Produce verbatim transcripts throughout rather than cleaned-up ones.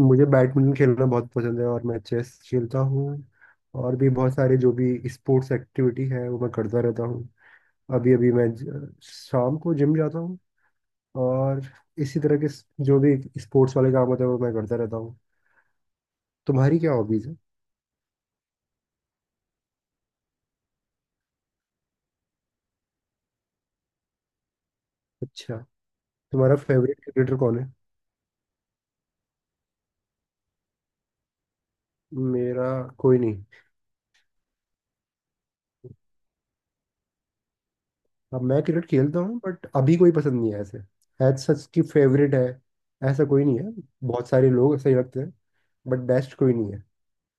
मुझे बैडमिंटन खेलना बहुत पसंद है और मैं चेस खेलता हूँ। और भी बहुत सारे जो भी स्पोर्ट्स एक्टिविटी है वो मैं करता रहता हूँ। अभी अभी मैं ज- शाम को जिम जाता हूँ और इसी तरह के स- जो भी स्पोर्ट्स वाले काम होते हैं वो मैं करता रहता हूँ। तुम्हारी क्या हॉबीज है? अच्छा। तुम्हारा फेवरेट क्रिकेटर कौन है? मेरा कोई नहीं। अब मैं क्रिकेट खेलता हूँ बट अभी कोई पसंद नहीं है ऐसे। एज सच की फेवरेट है, ऐसा कोई नहीं है। बहुत सारे लोग ऐसे ही लगते हैं बट बेस्ट कोई नहीं है।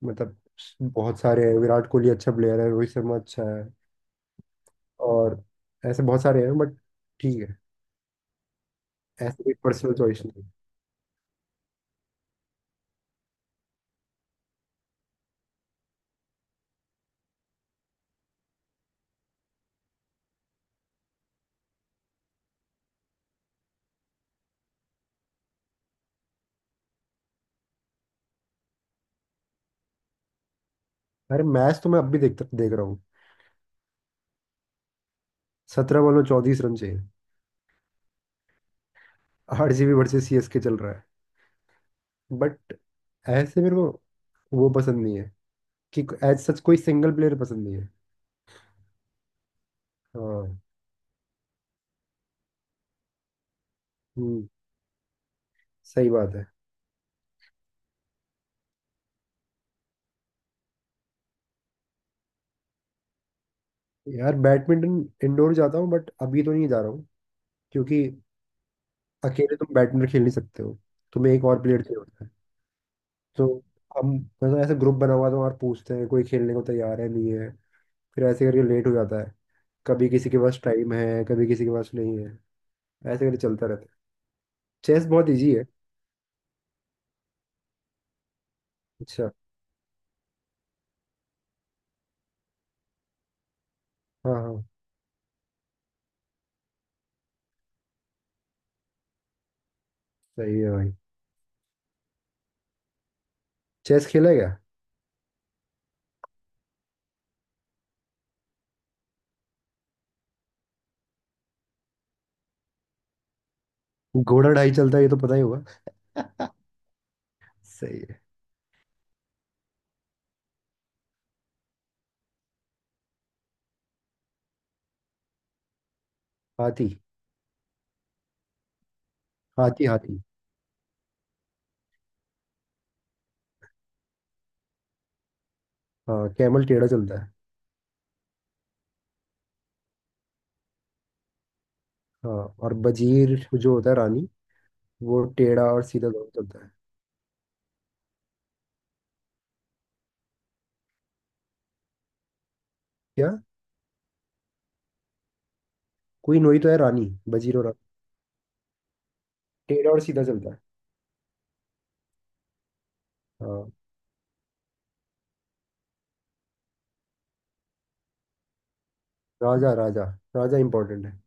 मतलब, बहुत सारे हैं। विराट कोहली अच्छा प्लेयर है, रोहित शर्मा अच्छा है और ऐसे बहुत सारे हैं बट ठीक है। ऐसे कोई पर्सनल चॉइस नहीं। अरे मैच तो मैं अब भी देखता देख रहा हूँ। सत्रह बॉल में चौंतीस रन चाहिए। R C B versus C S के चल रहा है बट ऐसे मेरे को वो पसंद नहीं है कि एज सच कोई सिंगल प्लेयर पसंद नहीं है। हाँ। हम्म, सही बात है। यार बैडमिंटन इंडोर जाता हूँ बट अभी तो नहीं जा रहा हूँ क्योंकि अकेले तुम बैडमिंटन खेल नहीं सकते हो। तुम्हें एक और प्लेयर चाहिए होता है। तो हम मतलब ऐसे ग्रुप बना हुआ था और पूछते हैं कोई खेलने को तैयार है नहीं है। फिर ऐसे करके लेट हो जाता है। कभी किसी के पास टाइम है, कभी किसी के पास नहीं है। ऐसे करके चलता रहता है। चेस बहुत इजी है। अच्छा। हाँ हाँ, सही है भाई। चेस खेला क्या? घोड़ा ढाई चलता है, ये तो पता ही होगा। सही है। हाथी। हाथी हाथी। हाँ कैमल टेढ़ा चलता है। हाँ और बजीर जो होता है, रानी, वो टेढ़ा और सीधा दोनों चलता है। क्या? क्वीन वही तो है, रानी, बजीर और रानी। टेढ़ा और सीधा चलता है। हाँ। राजा राजा। राजा इम्पोर्टेंट है।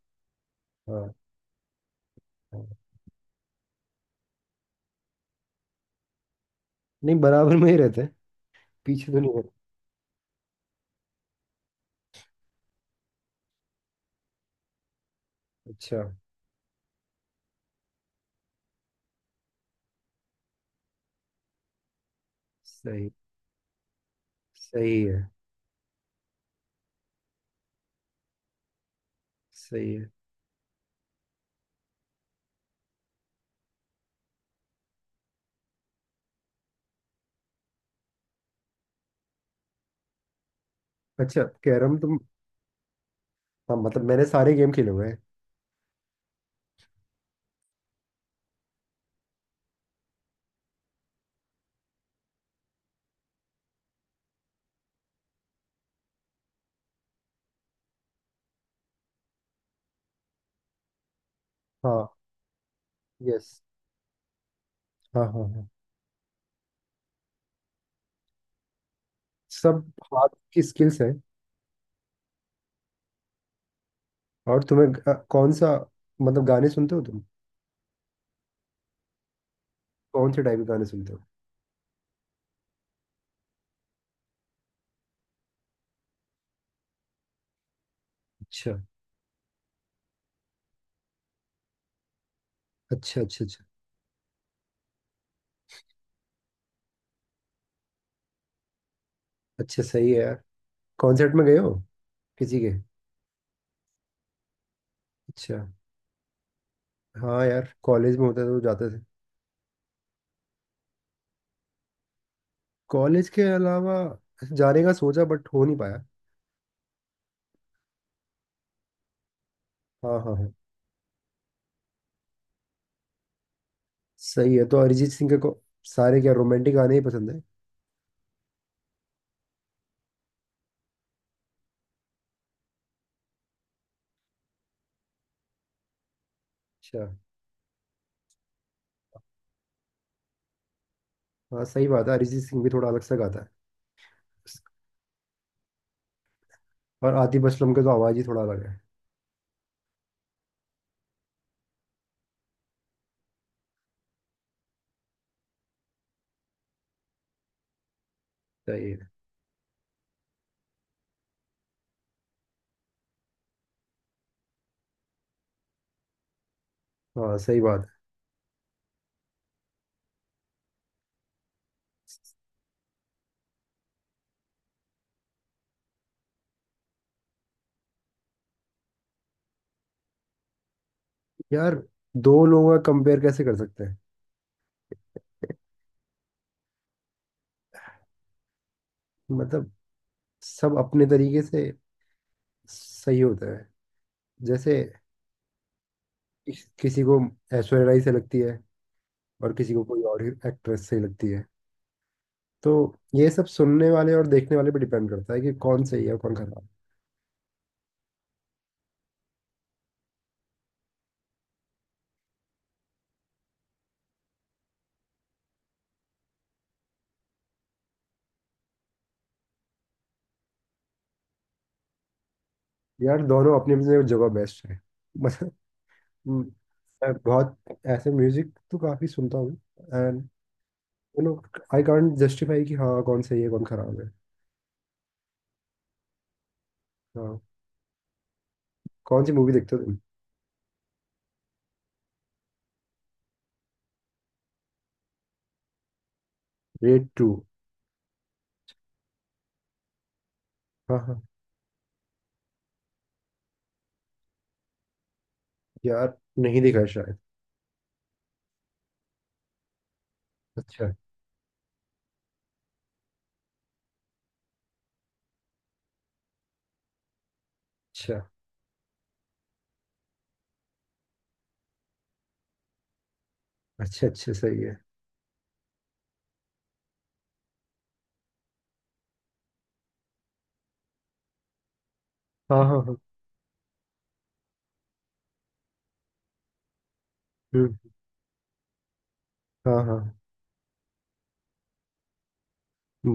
हाँ। हाँ। नहीं बराबर में ही रहते हैं। पीछे तो नहीं रहते। अच्छा। सही। सही है। सही है। अच्छा कैरम तुम। हाँ मतलब मैंने सारे गेम खेले हुए हैं। हाँ यस। हाँ हाँ हाँ। सब हाथ की स्किल्स हैं। और तुम्हें ग- कौन सा मतलब गाने सुनते हो तुम? कौन से टाइप के गाने सुनते हो? अच्छा अच्छा अच्छा। अच्छा। अच्छा सही है यार। कॉन्सर्ट में गए हो किसी के? अच्छा। हाँ यार कॉलेज में होता तो जाते थे। कॉलेज के अलावा जाने का सोचा बट हो नहीं पाया। हाँ हाँ हाँ। सही है। तो अरिजीत सिंह के को सारे क्या रोमांटिक गाने ही पसंद है? अच्छा। हाँ सही बात है, अरिजीत सिंह भी थोड़ा अलग सा गाता है। और आतिफ असलम का तो आवाज़ ही थोड़ा अलग है। सही है। हाँ सही बात है यार। दो लोगों का कंपेयर कैसे कर सकते हैं? मतलब सब अपने तरीके से सही होता है। जैसे किस- किसी को ऐश्वर्या राय से लगती है और किसी को कोई और एक्ट्रेस से लगती है। तो ये सब सुनने वाले और देखने वाले पे डिपेंड करता है कि कौन सही है और कौन खराब। है यार दोनों अपनी अपनी जगह बेस्ट है। मतलब, हम्म, मैं बहुत ऐसे म्यूजिक तो काफी सुनता हूँ and you know I can't justify कि हाँ कौन सही है कौन खराब है। हाँ। कौन सी मूवी देखते हो तुम? Red to. हाँ हाँ। यार नहीं देखा है शायद। अच्छा अच्छा अच्छा। अच्छा सही है। हाँ हाँ हाँ। हम्म, हाँ हाँ।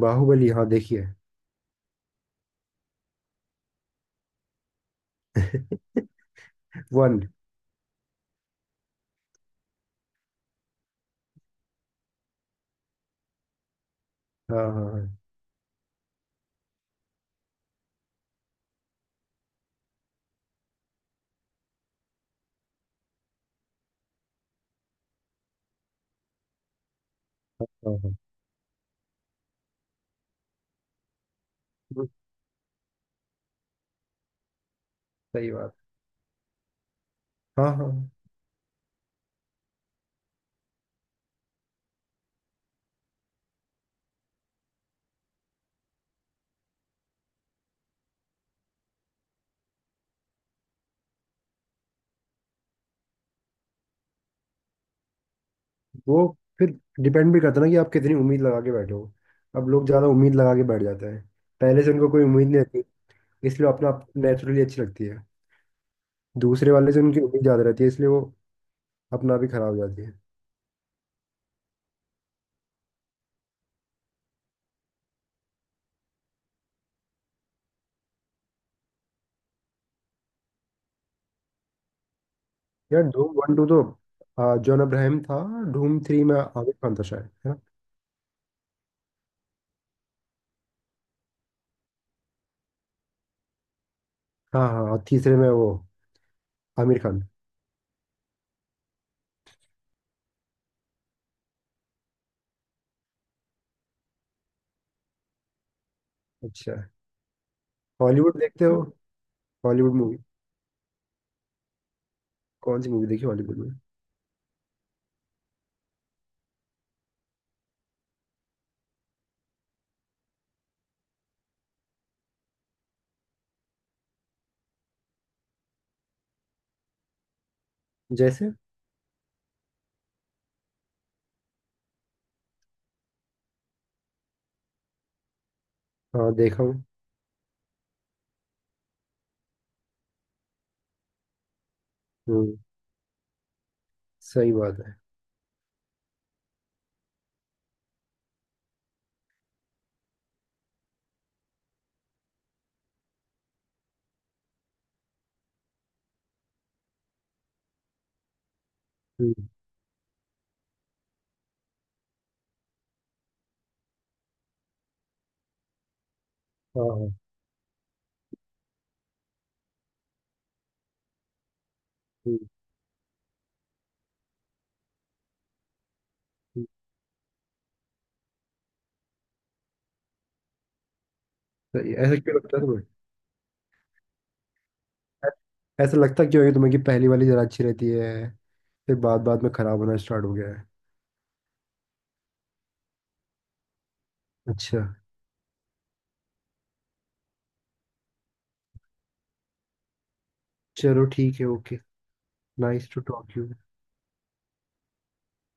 बाहुबली हाँ देखिए। वन। हाँ हाँ हाँ। हाँ हाँ, हम्म, सही बात। हाँ हाँ। वो फिर डिपेंड भी करता है ना कि आप कितनी उम्मीद लगा के बैठे हो। अब लोग ज़्यादा उम्मीद लगा के बैठ जाते हैं। पहले से उनको कोई उम्मीद नहीं रहती, इसलिए अपना नेचुरली अच्छी लगती है। दूसरे वाले से उनकी उम्मीद ज़्यादा रहती है इसलिए वो अपना भी खराब हो जाती है। यार धूम वन टू तो आ, जॉन अब्राहम था। धूम थ्री में आमिर खान था शायद, है ना। हाँ हाँ और तीसरे में वो आमिर खान। अच्छा हॉलीवुड देखते हो? Hollywood movie? कौन सी मूवी देखी हॉलीवुड में? जैसे? हाँ देखा हूँ। हम्म, सही बात है। हम्म, हाँ हाँ। हम्म, हम्म। तो ऐसा क्यों लगता है तुम्हें? ऐसा लगता क्यों है कि तुम्हें कि पहली वाली ज़रा अच्छी रहती है, फिर बाद बाद में ख़राब होना स्टार्ट हो गया है? अच्छा। चलो ठीक है okay. Nice to talk you.